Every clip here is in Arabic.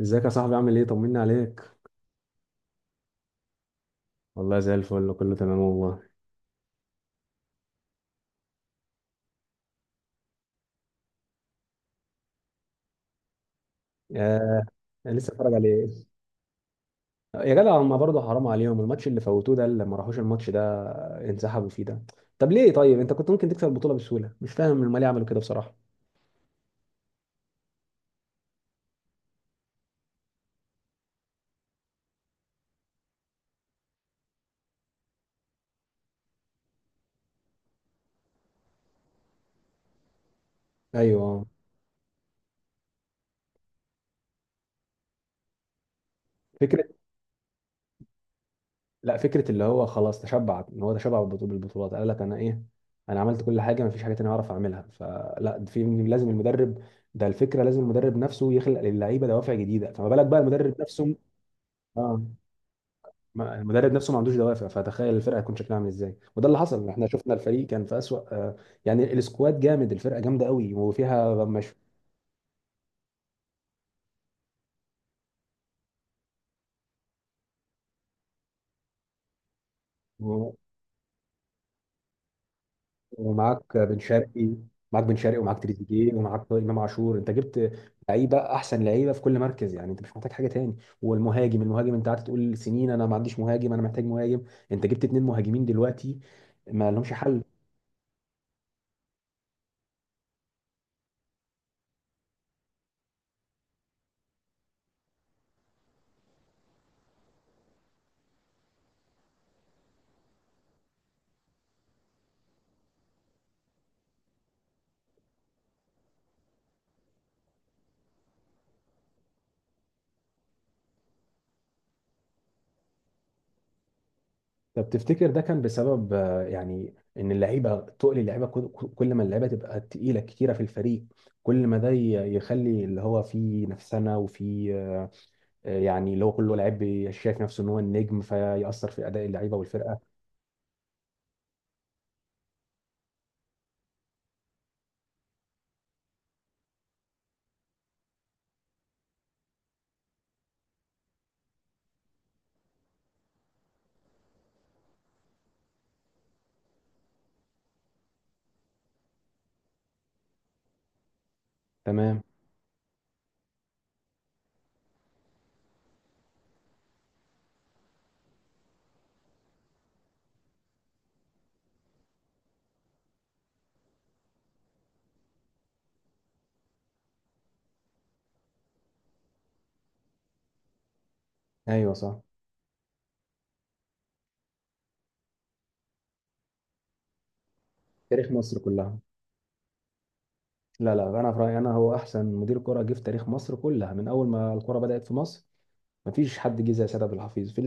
ازيك يا صاحبي؟ عامل ايه؟ طمني عليك. والله زي الفل، كله تمام والله. يا أنا لسه اتفرج على ايه؟ يا جدع هما برضه حرام عليهم الماتش اللي فوتوه ده، اللي ما راحوش الماتش ده، انسحبوا فيه ده. طب ليه؟ طيب انت كنت ممكن تكسب البطوله بسهوله، مش فاهم هما ليه عملوا كده بصراحه. ايوه. فكره. لا فكره اللي هو خلاص تشبع، ان هو تشبع بالبطولات، قال لك انا ايه؟ انا عملت كل حاجه، ما فيش حاجه تانية اعرف اعملها، فلا في لازم المدرب ده الفكره، لازم المدرب نفسه يخلق للعيبه دوافع جديده، فما بالك بقى المدرب نفسه؟ اه. المدرب نفسه ما عندوش دوافع، فتخيل الفرقه هيكون شكلها عامل ازاي. وده اللي حصل، احنا شفنا الفريق كان في اسوأ يعني السكواد جامد، الفرقه جامده قوي وفيها مش. و- ومعاك بن شرقي، معاك بن شرقي ومعاك تريزيجيه ومعاك امام عاشور، انت جبت لعيبه احسن لعيبه في كل مركز، يعني انت مش محتاج حاجه تاني. والمهاجم، المهاجم انت قعدت تقول سنين انا ما عنديش مهاجم، انا محتاج مهاجم. انت جبت اتنين مهاجمين دلوقتي، ما لهمش حل. طب تفتكر ده كان بسبب يعني ان اللعيبه تقل؟ اللعيبه كل كل ما اللعيبه تبقى تقيله كتيره في الفريق، كل ما ده يخلي اللي هو في نفسنا وفي يعني اللي هو كله لعيب شايف نفسه ان هو النجم، فيأثر في اداء اللعيبه والفرقه. تمام. ايوه صح. تاريخ مصر كلها. لا لا، انا في رايي انا هو احسن مدير كره جه في تاريخ مصر كلها من اول ما الكره بدأت في مصر. مفيش حد جه زي سيد عبد الحفيظ في.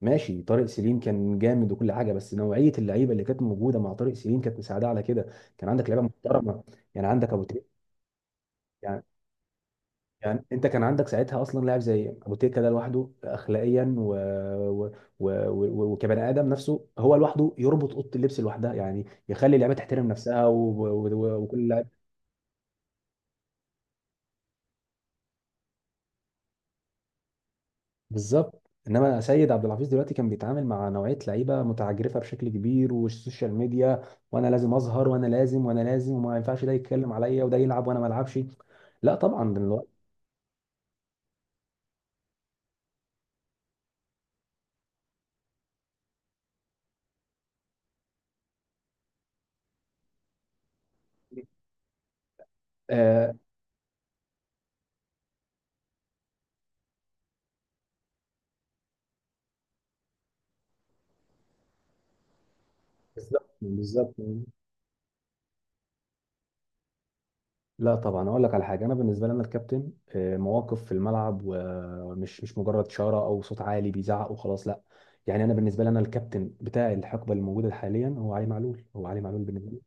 ماشي، طارق سليم كان جامد وكل حاجه، بس نوعيه اللعيبه اللي كانت موجوده مع طارق سليم كانت مساعده على كده، كان عندك لعيبه محترمه. يعني عندك ابو تريكه، يعني، يعني انت كان عندك ساعتها اصلا لاعب زي ابو تريكه ده لوحده، اخلاقيا و... و... و... و... وكبني ادم نفسه، هو لوحده يربط اوضه اللبس لوحدها، يعني يخلي اللعيبه تحترم نفسها و... و... و... وكل لاعب. بالظبط. انما سيد عبد الحفيظ دلوقتي كان بيتعامل مع نوعيه لعيبه متعجرفه بشكل كبير، والسوشيال ميديا، وانا لازم اظهر وانا لازم وانا لازم، وما ينفعش ده يتكلم عليا وده يلعب وانا ما العبش. لا طبعا دلوقتي. آه. بالظبط بالظبط. لا طبعا، اقول لك على حاجه، انا بالنسبه لي انا الكابتن مواقف في الملعب، ومش مش مجرد شاره او صوت عالي بيزعق وخلاص، لا. يعني انا بالنسبه لي انا الكابتن بتاع الحقبه الموجوده حاليا هو علي معلول، هو علي معلول بالنسبه.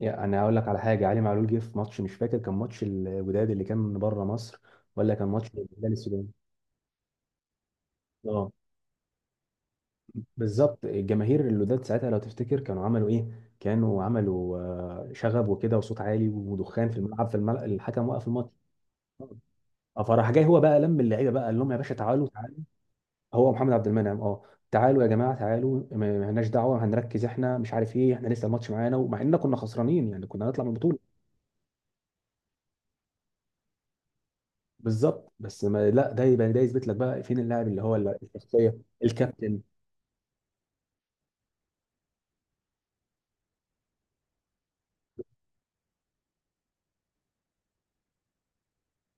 يعني انا هقول لك على حاجه، علي معلول جه في ماتش مش فاكر كان ماتش الوداد اللي كان من بره مصر، ولا كان ماتش الهلال السوداني. اه. بالظبط. الجماهير الوداد ساعتها لو تفتكر كانوا عملوا ايه؟ كانوا عملوا شغب وكده وصوت عالي ودخان في الملعب، في الملعب الحكم وقف الماتش. فراح جاي هو بقى لم اللعيبه بقى، قال لهم يا باشا تعالوا تعالوا. هو محمد عبد المنعم، اه. تعالوا يا جماعه تعالوا، ما ما لناش دعوه، هنركز احنا مش عارف ايه، احنا لسه الماتش معانا، ومع اننا كنا خسرانين يعني، كنا هنطلع من البطوله. بالظبط، بس ما لا، ده يبقى ده يثبت لك بقى فين اللاعب اللي هو الشخصيه، الكابتن.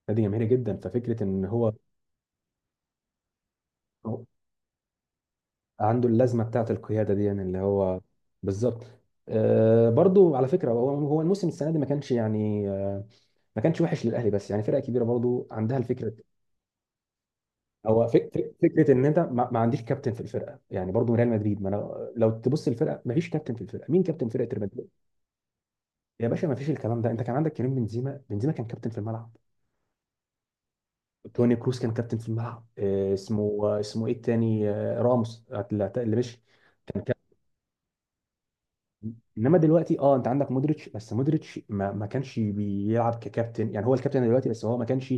فدي جماهيري جدا، ففكره ان هو، هو عنده اللازمه بتاعه القياده دي، يعني اللي هو. بالظبط. آه برضو على فكره، هو هو الموسم السنه دي ما كانش يعني آه، ما كانش وحش للاهلي، بس يعني فرقه كبيره برضو عندها الفكره. هو فكره ان انت ما عنديش كابتن في الفرقه يعني، برضو ريال مدريد، ما انا لو تبص الفرقه ما فيش كابتن في الفرقه، مين كابتن فرقه ريال مدريد؟ يا باشا ما فيش الكلام ده، انت كان عندك كريم بنزيما، بنزيما كان كابتن في الملعب. توني كروس كان كابتن في الملعب، اسمه اسمه ايه التاني؟ راموس، اللي مشي، كان كابتن. انما دلوقتي اه، انت عندك مودريتش، بس مودريتش ما كانش بيلعب ككابتن، يعني هو الكابتن دلوقتي بس هو ما كانش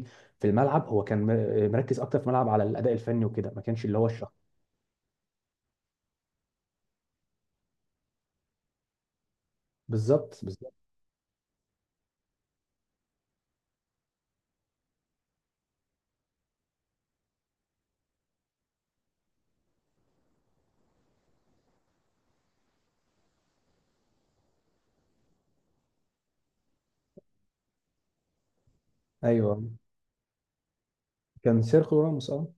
في الملعب، هو كان مركز اكتر في الملعب على الاداء الفني وكده، ما كانش اللي هو الشخص. بالظبط بالظبط. ايوه كان سيرخو راموس اه.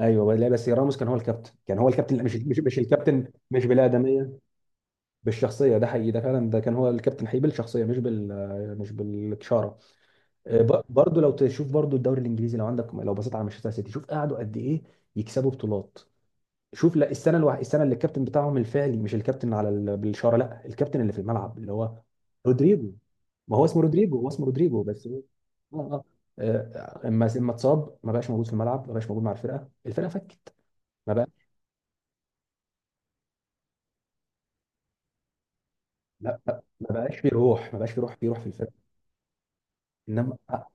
ايوه، لا بس راموس كان هو الكابتن، كان هو الكابتن، لا، مش مش مش الكابتن مش بالادميه، بالشخصيه، ده حقيقي، ده فعلا ده كان هو الكابتن حقيقي بالشخصيه، مش بال مش بالاشاره. برضو لو تشوف برضو الدوري الانجليزي، لو عندك لو بصيت على مانشستر سيتي، شوف قعدوا قد ايه يكسبوا بطولات. شوف، لا السنه الوح... السنه اللي الكابتن بتاعهم الفعلي، مش الكابتن على ال... بالاشاره، لا الكابتن اللي في الملعب اللي هو رودريجو. ما هو اسمه رودريجو، هو اسمه رودريجو بس هو. اه اه. اما اتصاب ما بقاش موجود في الملعب، ما بقاش موجود مع الفرقه، الفرقه فكت، ما بقى. لا لا، ما بقاش في روح، ما بقاش في روح، في روح في الفرقه. انما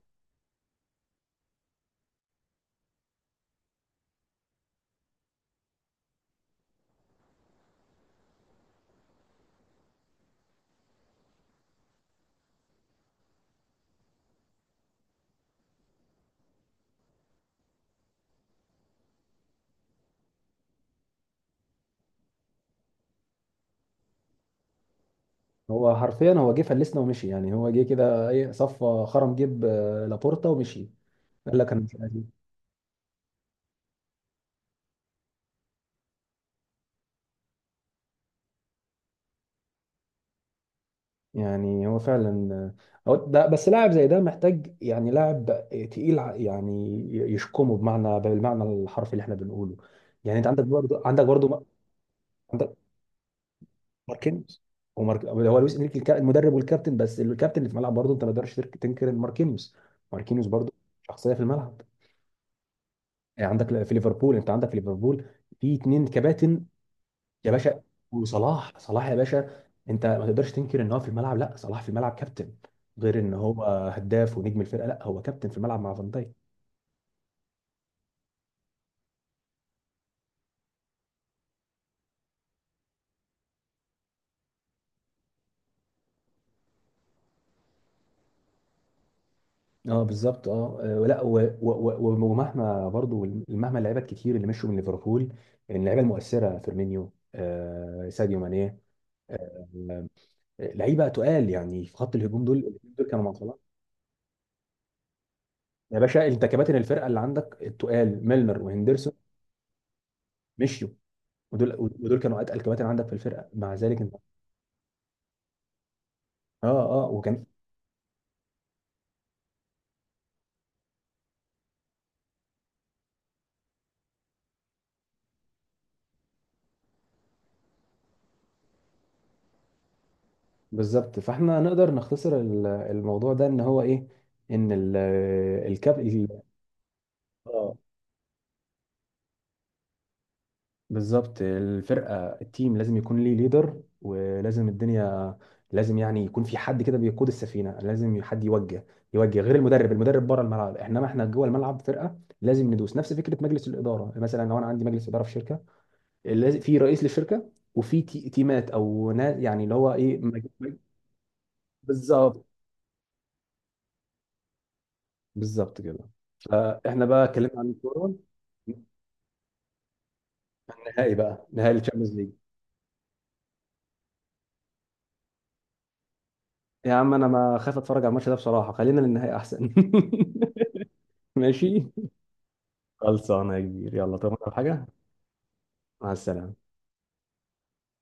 هو حرفيا هو جه فلسنا ومشي، يعني هو جه كده ايه، صفى خرم جيب لابورتا ومشي، قال لك انا مش قادر. يعني هو فعلا أو ده، بس لاعب زي ده محتاج يعني لاعب تقيل يعني يشكمه بمعنى بالمعنى الحرفي اللي احنا بنقوله. يعني انت عندك برضه، عندك برضه عندك ماركينيوس. هو لويس انريكي المدرب والكابتن، بس الكابتن اللي في الملعب برضه انت ما تقدرش تنكر إن ماركينيوس، ماركينيوس برضه شخصيه في الملعب. يعني عندك في ليفربول، انت عندك في ليفربول في اتنين كباتن. يا باشا. وصلاح، صلاح يا باشا، انت ما تقدرش تنكر ان هو في الملعب، لا صلاح في الملعب كابتن، غير ان هو هداف ونجم الفرقه، لا هو كابتن في الملعب مع فان دايك. اه بالظبط اه. آه، لا و- و- و- ومهما برضو مهما اللعيبه الكتير اللي مشوا من ليفربول، اللعيبه المؤثره فيرمينيو، آه ساديو ماني، آه لعيبه تقال يعني في خط الهجوم، دول الاتنين دول كانوا مع صلاح. يا باشا انت كباتن الفرقه اللي عندك التقال ميلنر وهندرسون مشيوا، ودول ودول كانوا اتقل كباتن عندك في الفرقه، مع ذلك انت. اه اه وكان. بالظبط، فاحنا نقدر نختصر الموضوع ده ان هو ايه، ان ال- الكاب ال- اه بالظبط. الفرقه، التيم لازم يكون ليه ليدر، ولازم الدنيا لازم يعني يكون في حد كده بيقود السفينه، لازم حد يوجه، يوجه غير المدرب، المدرب بره الملعب انما احنا جوه الملعب فرقه لازم ندوس نفس فكره مجلس الاداره. مثلا لو انا عندي مجلس اداره في شركه، لازم في رئيس للشركه، وفي تيمات او ناس يعني اللي هو ايه، بالظبط بالظبط كده. فاحنا بقى اتكلمنا عن الكوره. النهائي بقى، نهائي الشامبيونز ليج. يا عم انا ما خايف اتفرج على الماتش ده بصراحه، خلينا للنهائي احسن. ماشي. خلصانه يا كبير، يلا طب حاجه. مع السلامه.